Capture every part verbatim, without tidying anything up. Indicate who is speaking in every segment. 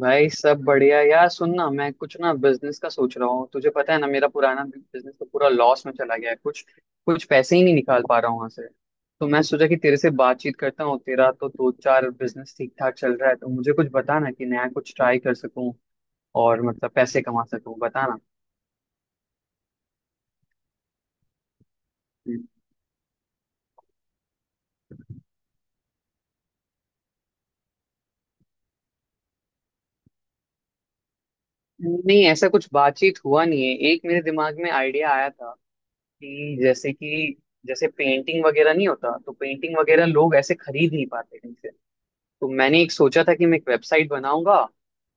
Speaker 1: भाई सब बढ़िया यार। सुन ना, मैं कुछ ना बिजनेस का सोच रहा हूँ। तुझे पता है ना मेरा पुराना बिजनेस तो पूरा लॉस में चला गया है। कुछ कुछ पैसे ही नहीं निकाल पा रहा हूँ वहां से। तो मैं सोचा कि तेरे से बातचीत करता हूँ। तेरा तो दो चार बिजनेस ठीक ठाक चल रहा है तो मुझे कुछ बता ना कि नया कुछ ट्राई कर सकूँ और मतलब पैसे कमा सकूँ। बता ना। नहीं, ऐसा कुछ बातचीत हुआ नहीं है। एक मेरे दिमाग में आइडिया आया था कि जैसे कि जैसे पेंटिंग वगैरह नहीं होता तो पेंटिंग वगैरह लोग ऐसे खरीद नहीं पाते कहीं से। तो मैंने एक सोचा था कि मैं एक वेबसाइट बनाऊंगा।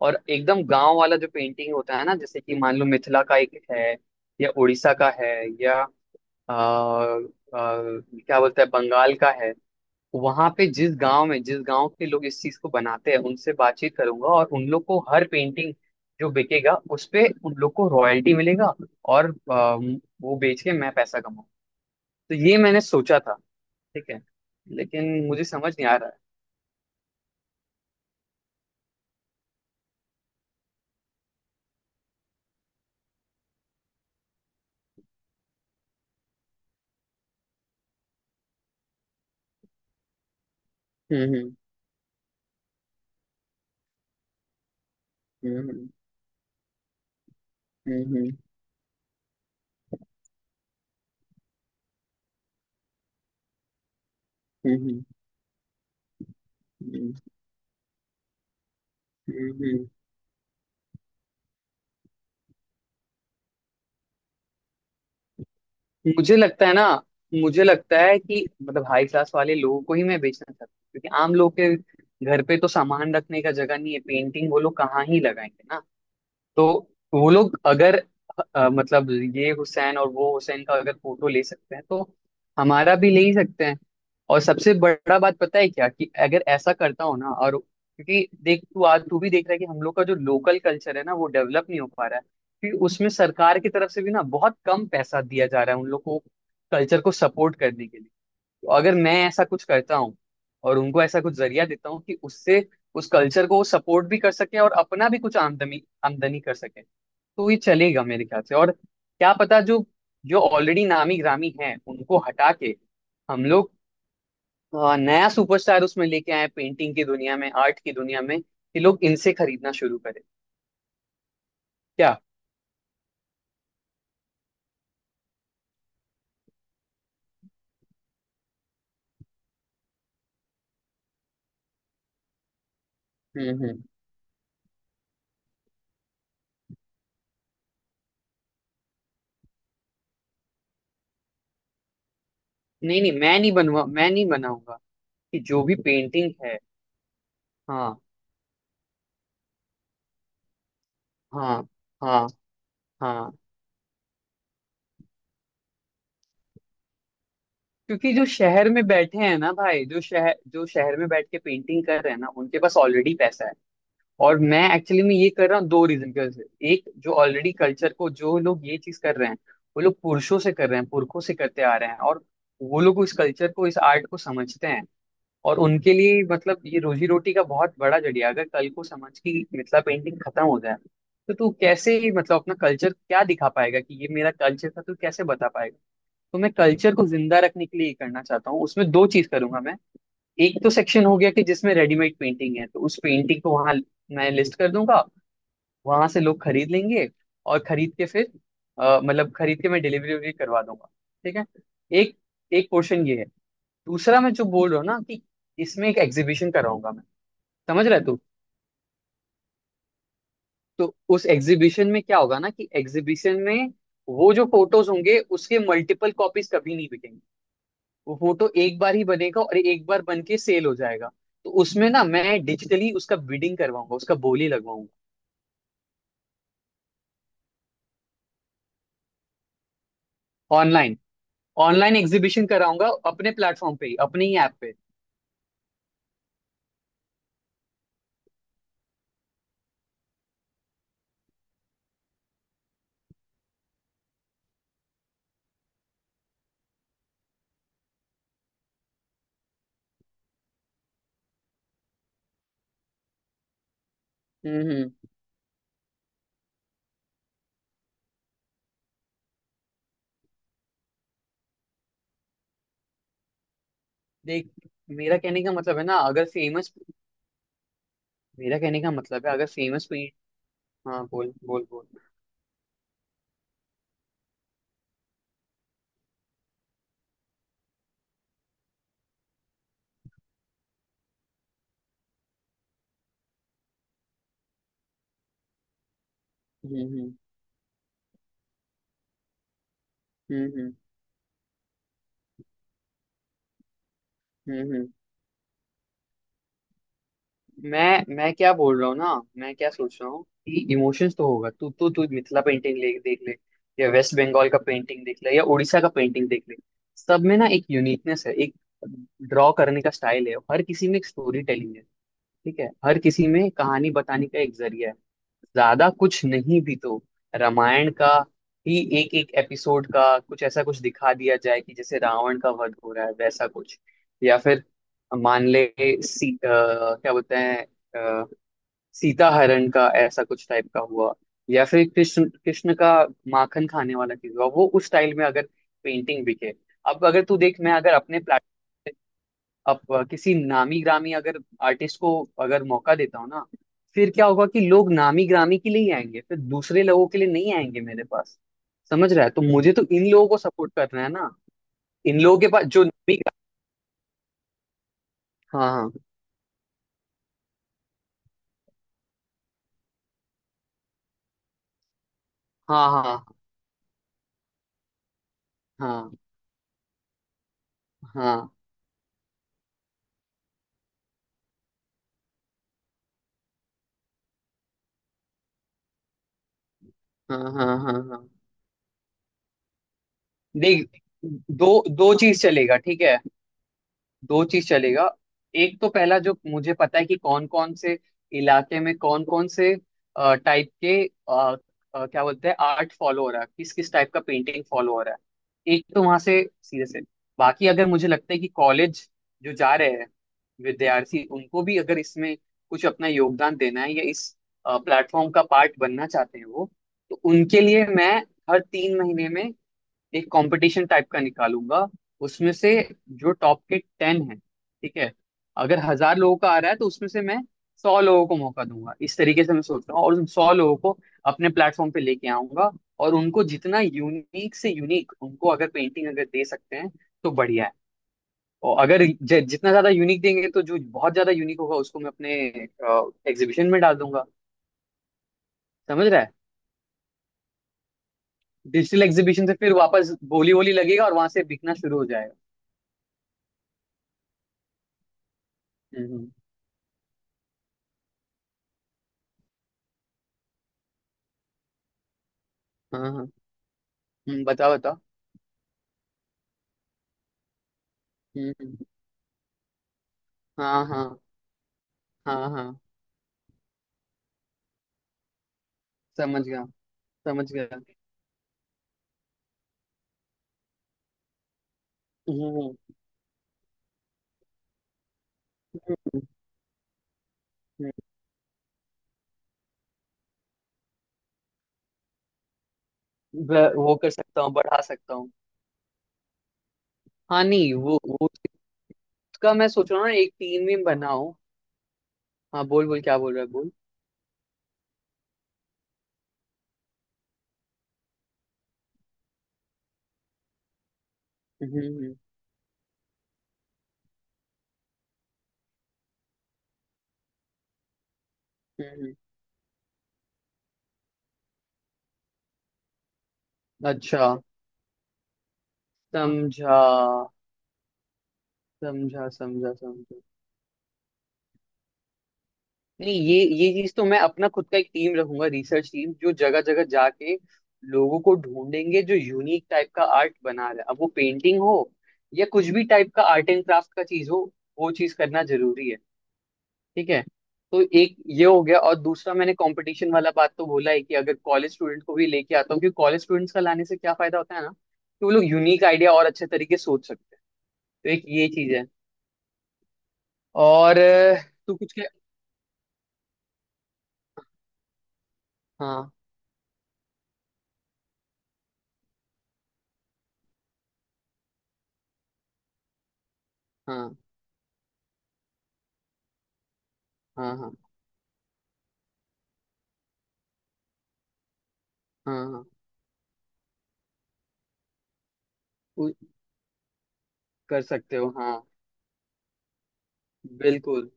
Speaker 1: और एकदम गांव वाला जो पेंटिंग होता है ना, जैसे कि मान लो मिथिला का एक है, या उड़ीसा का है, या आ, आ, क्या बोलते हैं बंगाल का है। वहां पे जिस गांव में जिस गांव के लोग इस चीज को बनाते हैं उनसे बातचीत करूंगा, और उन लोग को हर पेंटिंग जो बिकेगा उस पे उन लोग को रॉयल्टी मिलेगा। और आ, वो बेच के मैं पैसा कमाऊँ। तो ये मैंने सोचा था। ठीक है। लेकिन मुझे समझ नहीं आ रहा है। हम्म हम्म। हम्म। हम्म। हम्म। हम्म। हम्म। हम्म। हम्म। हम्म। मुझे लगता है ना, मुझे लगता है कि मतलब हाई क्लास वाले लोगों को ही मैं बेचना चाहता हूँ, क्योंकि आम लोग के घर पे तो सामान रखने का जगह नहीं है, पेंटिंग वो लोग कहाँ ही लगाएंगे ना। तो वो लोग अगर अ, मतलब ये हुसैन और वो हुसैन का अगर फोटो ले सकते हैं तो हमारा भी ले ही सकते हैं। और सबसे बड़ा बात पता है क्या कि अगर ऐसा करता हो ना, और क्योंकि देख तू आज तू भी देख रहा है कि हम लोग का जो लोकल कल्चर है ना वो डेवलप नहीं हो पा रहा है, क्योंकि उसमें सरकार की तरफ से भी ना बहुत कम पैसा दिया जा रहा है उन लोग को कल्चर को सपोर्ट करने के लिए। तो अगर मैं ऐसा कुछ करता हूँ और उनको ऐसा कुछ जरिया देता हूँ कि उससे उस कल्चर को वो सपोर्ट भी कर सके और अपना भी कुछ आमदनी आमदनी कर सके। तो ये चलेगा मेरे ख्याल से। और क्या पता, जो जो ऑलरेडी नामी ग्रामी हैं उनको हटा के हम लोग अ, नया सुपरस्टार उसमें लेके आए पेंटिंग की दुनिया में, आर्ट की दुनिया में, कि लोग इनसे खरीदना शुरू करें। क्या। हम्म। हम्म। नहीं नहीं, मैं नहीं बनवा मैं नहीं बनाऊंगा, कि जो भी पेंटिंग है। हाँ। हाँ। हाँ। हाँ। क्योंकि जो शहर में बैठे हैं ना भाई, जो शहर जो शहर में बैठ के पेंटिंग कर रहे हैं ना उनके पास ऑलरेडी पैसा है। और मैं एक्चुअली में ये कर रहा हूँ दो रीजन की वजह से। एक, जो ऑलरेडी कल्चर को जो लोग ये चीज कर रहे हैं वो लोग पुरुषों से कर रहे हैं, पुरखों से करते आ रहे हैं, और वो लोग इस कल्चर को इस आर्ट को समझते हैं। और उनके लिए मतलब ये रोजी रोटी का बहुत बड़ा जरिया है। अगर कल को समझ की मिथिला पेंटिंग खत्म हो जाए तो तू कैसे मतलब अपना कल्चर क्या दिखा पाएगा कि ये मेरा कल्चर था, तू कैसे बता। तो मैं कल्चर को जिंदा रखने के लिए ये करना चाहता हूँ। उसमें दो चीज करूंगा मैं। एक तो सेक्शन हो गया कि जिसमें रेडीमेड पेंटिंग है तो उस पेंटिंग को वहां मैं लिस्ट कर दूंगा। वहां से लोग खरीद लेंगे। और खरीद के फिर अ, मतलब खरीद के मैं डिलीवरी वगैरह करवा दूंगा। ठीक है। एक एक पोर्शन ये है। दूसरा, मैं जो बोल रहा हूँ ना कि इसमें एक एग्जीबिशन कराऊंगा मैं। समझ रहा है तू। तो उस एग्जीबिशन में क्या होगा ना कि एग्जीबिशन में वो जो फोटोज होंगे उसके मल्टीपल कॉपीज कभी नहीं बिकेंगे। वो फोटो एक बार ही बनेगा और एक बार बन के सेल हो जाएगा। तो उसमें ना मैं डिजिटली उसका बिडिंग करवाऊंगा, उसका बोली लगवाऊंगा ऑनलाइन। ऑनलाइन एग्जीबिशन कराऊंगा अपने प्लेटफॉर्म पे ही, अपने ही ऐप पे। हम्म। हम्म। देख। मेरा कहने का मतलब है ना अगर फेमस मेरा कहने का मतलब है अगर फेमस पेंट। हाँ, बोल बोल बोल। हम्म। हम्म। हम्म। हम्म। हम्म। हम्म। मैं मैं क्या बोल रहा हूँ ना मैं क्या सोच रहा हूँ कि इमोशंस तो होगा, तू तो तू मिथिला पेंटिंग ले देख ले, या वेस्ट बंगाल का पेंटिंग देख ले, या उड़ीसा का पेंटिंग देख ले। सब में ना एक यूनिकनेस है, एक ड्रॉ करने का स्टाइल है, हर किसी में एक स्टोरी टेलिंग है। ठीक है, हर किसी में कहानी बताने का एक जरिया है। ज्यादा कुछ नहीं भी तो रामायण का ही एक एक एपिसोड का कुछ ऐसा कुछ दिखा दिया जाए कि जैसे रावण का वध हो रहा है वैसा कुछ। या फिर मान ले सी, अ, क्या बोलते हैं अ, सीता हरण का ऐसा कुछ टाइप का हुआ, या फिर कृष्ण कृष्ण का माखन खाने वाला चीज हुआ वो उस स्टाइल में अगर पेंटिंग बिके। अब अगर तू देख, मैं अगर अपने प्लेटफॉर्म अब अ, किसी नामी ग्रामी अगर आर्टिस्ट को अगर मौका देता हूँ ना फिर क्या होगा कि लोग नामी ग्रामी के लिए ही आएंगे, फिर दूसरे लोगों के लिए नहीं आएंगे मेरे पास। समझ रहा है, तो मुझे तो इन लोगों को सपोर्ट करना है ना। इन लोगों के पास जो नामी ग्रामी। हाँ हाँ हाँ हाँ हाँ। हाँ हाँ हाँ हाँ हाँ। देख, दो दो चीज चलेगा। ठीक है। दो चीज चलेगा। एक तो पहला जो मुझे पता है कि कौन कौन से इलाके में कौन कौन से टाइप के अ, अ, क्या बोलते हैं आर्ट फॉलो हो रहा है, किस किस टाइप का पेंटिंग फॉलो हो रहा है, एक तो वहां से सीरियस है। बाकी अगर मुझे लगता है कि कॉलेज जो जा रहे हैं विद्यार्थी उनको भी अगर इसमें कुछ अपना योगदान देना है या इस प्लेटफॉर्म का पार्ट बनना चाहते हैं वो, तो उनके लिए मैं हर तीन महीने में एक कंपटीशन टाइप का निकालूंगा। उसमें से जो टॉप के टेन है, ठीक है, अगर हजार लोगों का आ रहा है तो उसमें से मैं सौ लोगों को मौका दूंगा। इस तरीके से मैं सोच रहा हूँ और उन सौ लोगों को अपने प्लेटफॉर्म पे लेके आऊंगा। और उनको जितना यूनिक से यूनिक उनको अगर पेंटिंग अगर दे सकते हैं तो बढ़िया है। और अगर ज, जितना ज्यादा यूनिक देंगे तो जो बहुत ज्यादा यूनिक होगा उसको मैं अपने एग्जीबिशन में डाल दूंगा। समझ रहा है। डिजिटल एग्जीबिशन से फिर वापस बोली वोली लगेगा और वहां से बिकना शुरू हो जाएगा। हम्म। हम्म। हाँ। हम्म, बताओ बताओ। हम्म। हम्म। हम्म। हाँ हाँ हाँ हाँ। समझ गया, समझ गया। हम्म। हम्म। हम्म। ब- वो कर सकता हूँ, बढ़ा सकता हूँ। हाँ। नहीं, वो वो उसका मैं सोच रहा हूँ ना एक टीम भी बनाऊं। हाँ बोल बोल, क्या बोल रहा है, बोल। हम्म। हम्म। हम्म। हम्म। अच्छा, समझा समझा समझा समझा। नहीं, ये ये चीज तो मैं अपना खुद का एक टीम रखूंगा, रिसर्च टीम जो जगह जगह जाके लोगों को ढूंढेंगे जो यूनिक टाइप का आर्ट बना रहा है। अब वो पेंटिंग हो या कुछ भी टाइप का आर्ट एंड क्राफ्ट का चीज हो, वो चीज करना जरूरी है। ठीक है। तो एक ये हो गया, और दूसरा मैंने कंपटीशन वाला बात तो बोला है कि अगर कॉलेज स्टूडेंट को भी लेके आता हूँ, क्योंकि कॉलेज स्टूडेंट्स का लाने से क्या फायदा होता है ना कि वो लोग यूनिक आइडिया और अच्छे तरीके से सोच सकते हैं। तो एक ये चीज है। और अ, तू कुछ क्या। हाँ हाँ हाँ हाँ हाँ हाँ हाँ, हाँ। कर सकते हो, हाँ। बिल्कुल।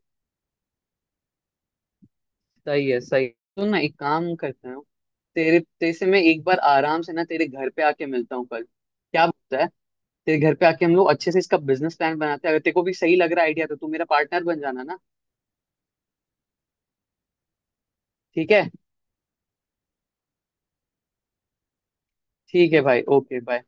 Speaker 1: सही है। सही, तो ना एक काम करते हो। तेरे तेरे से मैं एक बार आराम से ना तेरे घर पे आके मिलता हूँ कल, क्या बोलता है। तेरे घर पे आके हम लोग अच्छे से इसका बिजनेस प्लान बनाते हैं, अगर तेरे को भी सही लग रहा है आइडिया तो तू मेरा पार्टनर बन जाना ना। ठीक है। ठीक है भाई, ओके बाय।